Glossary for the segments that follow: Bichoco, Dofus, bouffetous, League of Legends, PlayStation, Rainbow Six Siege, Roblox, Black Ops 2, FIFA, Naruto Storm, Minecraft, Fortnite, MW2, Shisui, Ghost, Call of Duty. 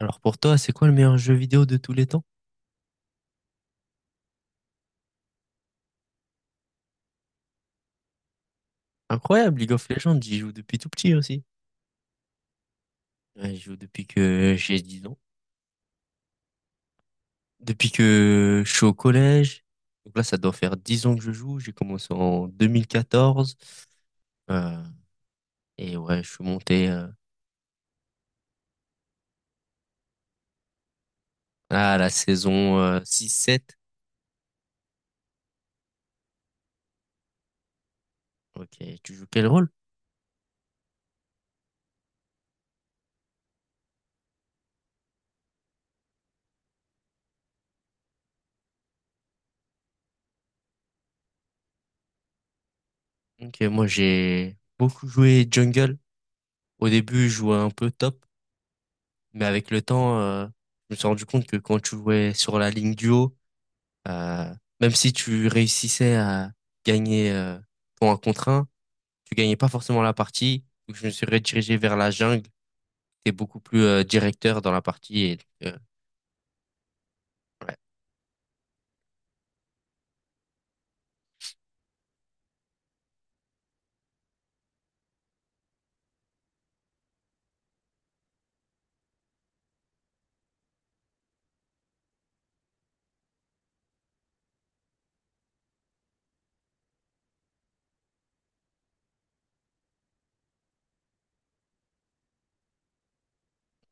Alors pour toi, c'est quoi le meilleur jeu vidéo de tous les temps? Incroyable, League of Legends, j'y joue depuis tout petit aussi. Ouais, j'y joue depuis que j'ai 10 ans. Depuis que je suis au collège. Donc là, ça doit faire 10 ans que je joue. J'ai commencé en 2014. Euh, et ouais, je suis monté à la saison 6-7. Ok, tu joues quel rôle? Ok, moi j'ai beaucoup joué jungle. Au début, je jouais un peu top, mais avec le temps, je me suis rendu compte que quand tu jouais sur la ligne duo, Euh, même si tu réussissais à gagner ton 1 contre 1, tu gagnais pas forcément la partie. Donc je me suis redirigé vers la jungle. T'es beaucoup plus directeur dans la partie. Et, donc, ouais,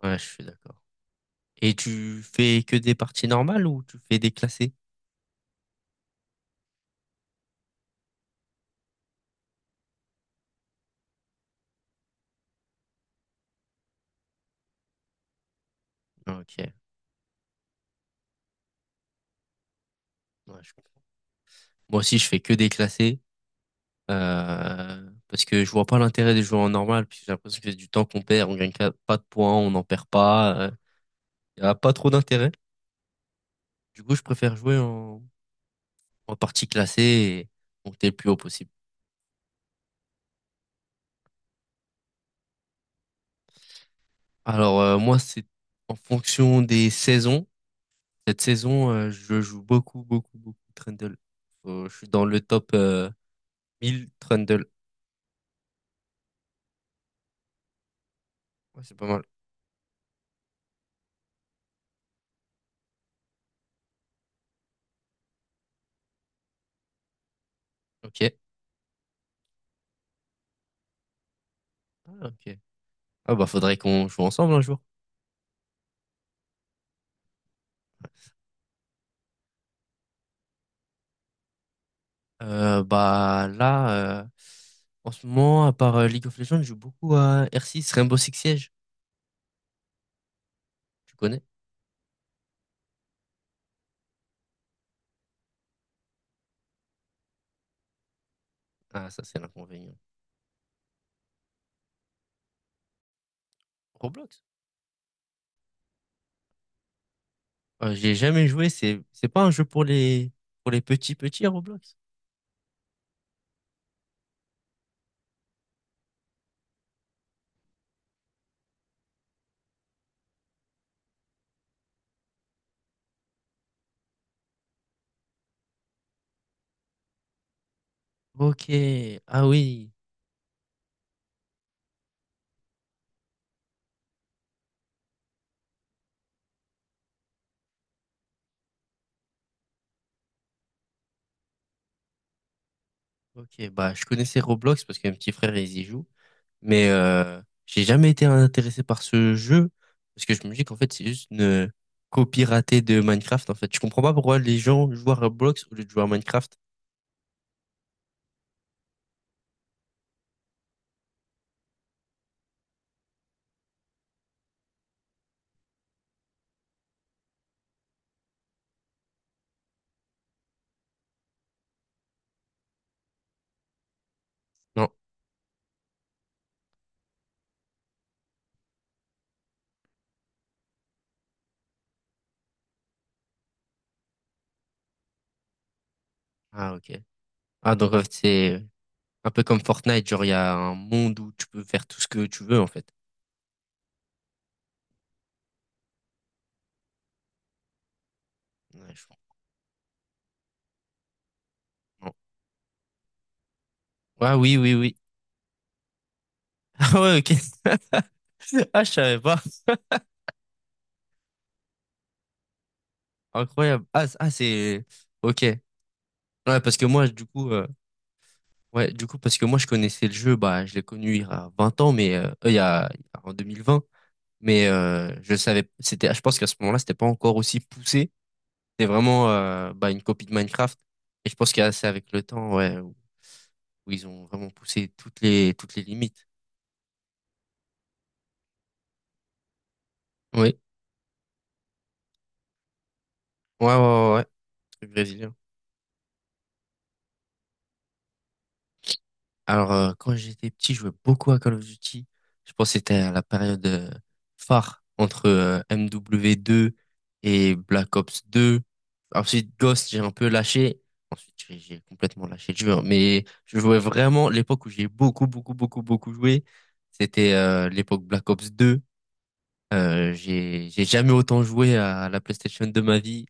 ouais, je suis d'accord. Et tu fais que des parties normales ou tu fais des classés? Ah, ok, ouais, je comprends. Moi aussi, je fais que des classés, parce que je vois pas l'intérêt de jouer en normal, puisque j'ai l'impression que c'est du temps qu'on perd, on gagne pas de points, on n'en perd pas, il y a pas trop d'intérêt. Du coup, je préfère jouer en partie classé et monter le plus haut possible. Alors moi, c'est en fonction des saisons. Cette saison, je joue beaucoup, beaucoup, beaucoup Trundle. Je suis dans le top 1000 Trundle. Ouais, c'est pas mal. Ok. Ah, ok. Ah bah faudrait qu'on joue ensemble un jour. Bah là, en ce moment, à part League of Legends, je joue beaucoup à R6, Rainbow Six Siege. Tu connais? Ah ça c'est l'inconvénient. Roblox? J'ai jamais joué. C'est pas un jeu pour les petits petits Roblox. Ok, ah oui, ok, bah je connaissais Roblox parce que mon petit frère il y joue, mais j'ai jamais été intéressé par ce jeu parce que je me dis qu'en fait c'est juste une copie ratée de Minecraft en fait. Je comprends pas pourquoi les gens jouent à Roblox au lieu de jouer à Minecraft. Non. Ah ok. Ah donc en fait, c'est un peu comme Fortnite, genre il y a un monde où tu peux faire tout ce que tu veux en fait. Ouais, non. Ouais, oui, oui, oui. Ah ouais, ok. Ah je savais pas. Incroyable. Ah, ah c'est... Ok. Ouais, parce que moi, ouais, du coup, parce que moi, je connaissais le jeu, bah, je l'ai connu il y a 20 ans, mais en 2020, mais je savais, c'était, je pense qu'à ce moment-là, c'était pas encore aussi poussé. C'était vraiment bah, une copie de Minecraft, et je pense que c'est avec le temps, ouais, où ils ont vraiment poussé toutes les limites. Oui, ouais, ouais, ouais, ouais. Truc brésilien. Alors, quand j'étais petit, je jouais beaucoup à Call of Duty. Je pense que c'était à la période phare entre MW2 et Black Ops 2. Ensuite, Ghost, j'ai un peu lâché. Ensuite, j'ai complètement lâché le jeu. Hein. Mais je jouais vraiment l'époque où j'ai beaucoup, beaucoup, beaucoup, beaucoup joué. C'était l'époque Black Ops 2. J'ai jamais autant joué à la PlayStation de ma vie.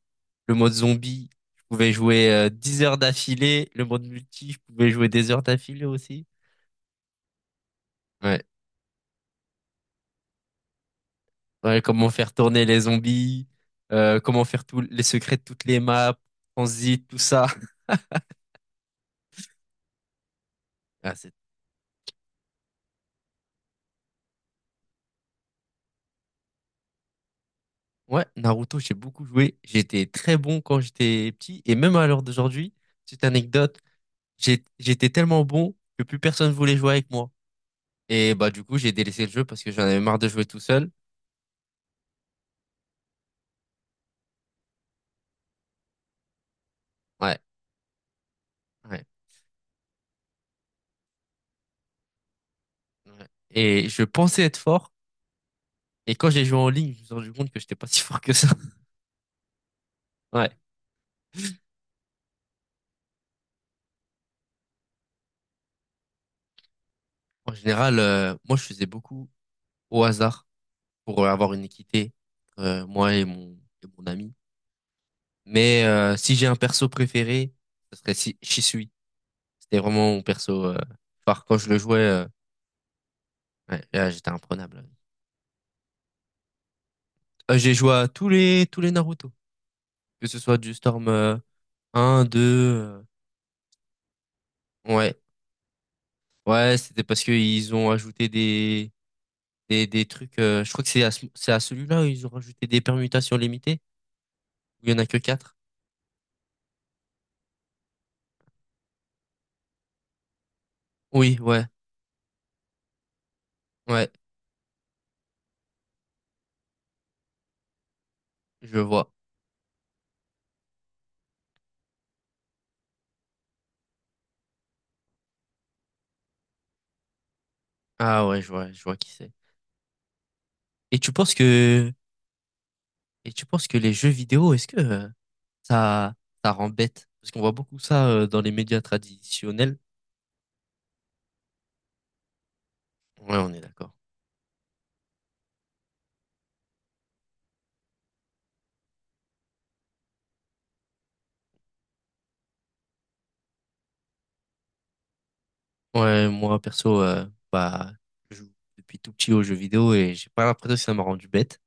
Le mode zombie, je pouvais jouer 10 heures d'affilée. Le mode multi, je pouvais jouer des heures d'affilée aussi. Ouais. Ouais, comment faire tourner les zombies, comment faire tous les secrets de toutes les maps, transit, tout ça. Ah, ouais, Naruto, j'ai beaucoup joué. J'étais très bon quand j'étais petit et même à l'heure d'aujourd'hui, petite anecdote, j'étais tellement bon que plus personne voulait jouer avec moi. Et bah du coup, j'ai délaissé le jeu parce que j'en avais marre de jouer tout seul. Ouais, ouais, ouais. Et je pensais être fort et quand j'ai joué en ligne, je me suis rendu compte que j'étais pas si fort que ça. Ouais. En général, moi je faisais beaucoup au hasard, pour avoir une équité, moi et mon ami. Mais si j'ai un perso préféré, ce serait si Shisui. C'était vraiment mon perso phare quand je le jouais. Ouais, là, j'étais imprenable. J'ai joué à tous les Naruto, que ce soit du Storm 1, 2. Ouais, ouais, c'était parce que ils ont ajouté des des trucs. Je crois que c'est à celui-là où ils ont rajouté des permutations limitées où il y en a que quatre. Oui, ouais, ouais, je vois. Ah ouais, je vois qui c'est. Et tu penses que, et tu penses que les jeux vidéo, est-ce que ça, ça rend bête? Parce qu'on voit beaucoup ça dans les médias traditionnels. Ouais, on est d'accord. Ouais, moi, perso, bah, je joue depuis tout petit aux jeux vidéo et j'ai pas l'impression que ça m'a rendu bête.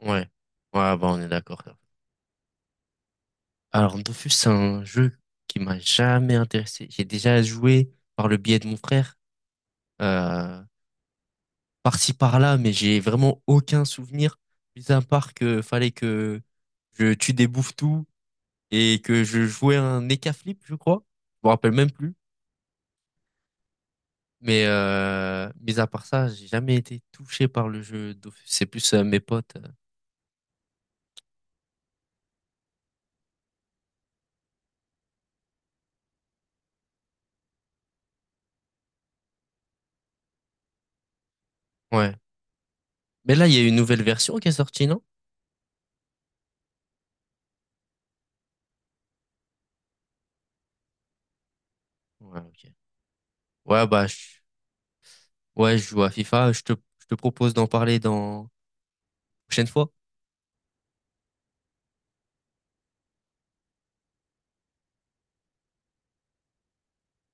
Ouais. Ouais, bah, on est d'accord. Alors, Dofus, c'est un jeu qui m'a jamais intéressé. J'ai déjà joué par le biais de mon frère, euh, par-ci, par-là, mais j'ai vraiment aucun souvenir, mis à part que fallait que je tue des bouffetous et que je jouais un flip, je crois. Je me rappelle même plus. Mais, mis à part ça, j'ai jamais été touché par le jeu d'office. C'est plus mes potes. Ouais. Mais là, il y a une nouvelle version qui est sortie, non? Ouais, ok. Ouais, bah, ouais, je joue à FIFA. Je te propose d'en parler dans prochaine fois.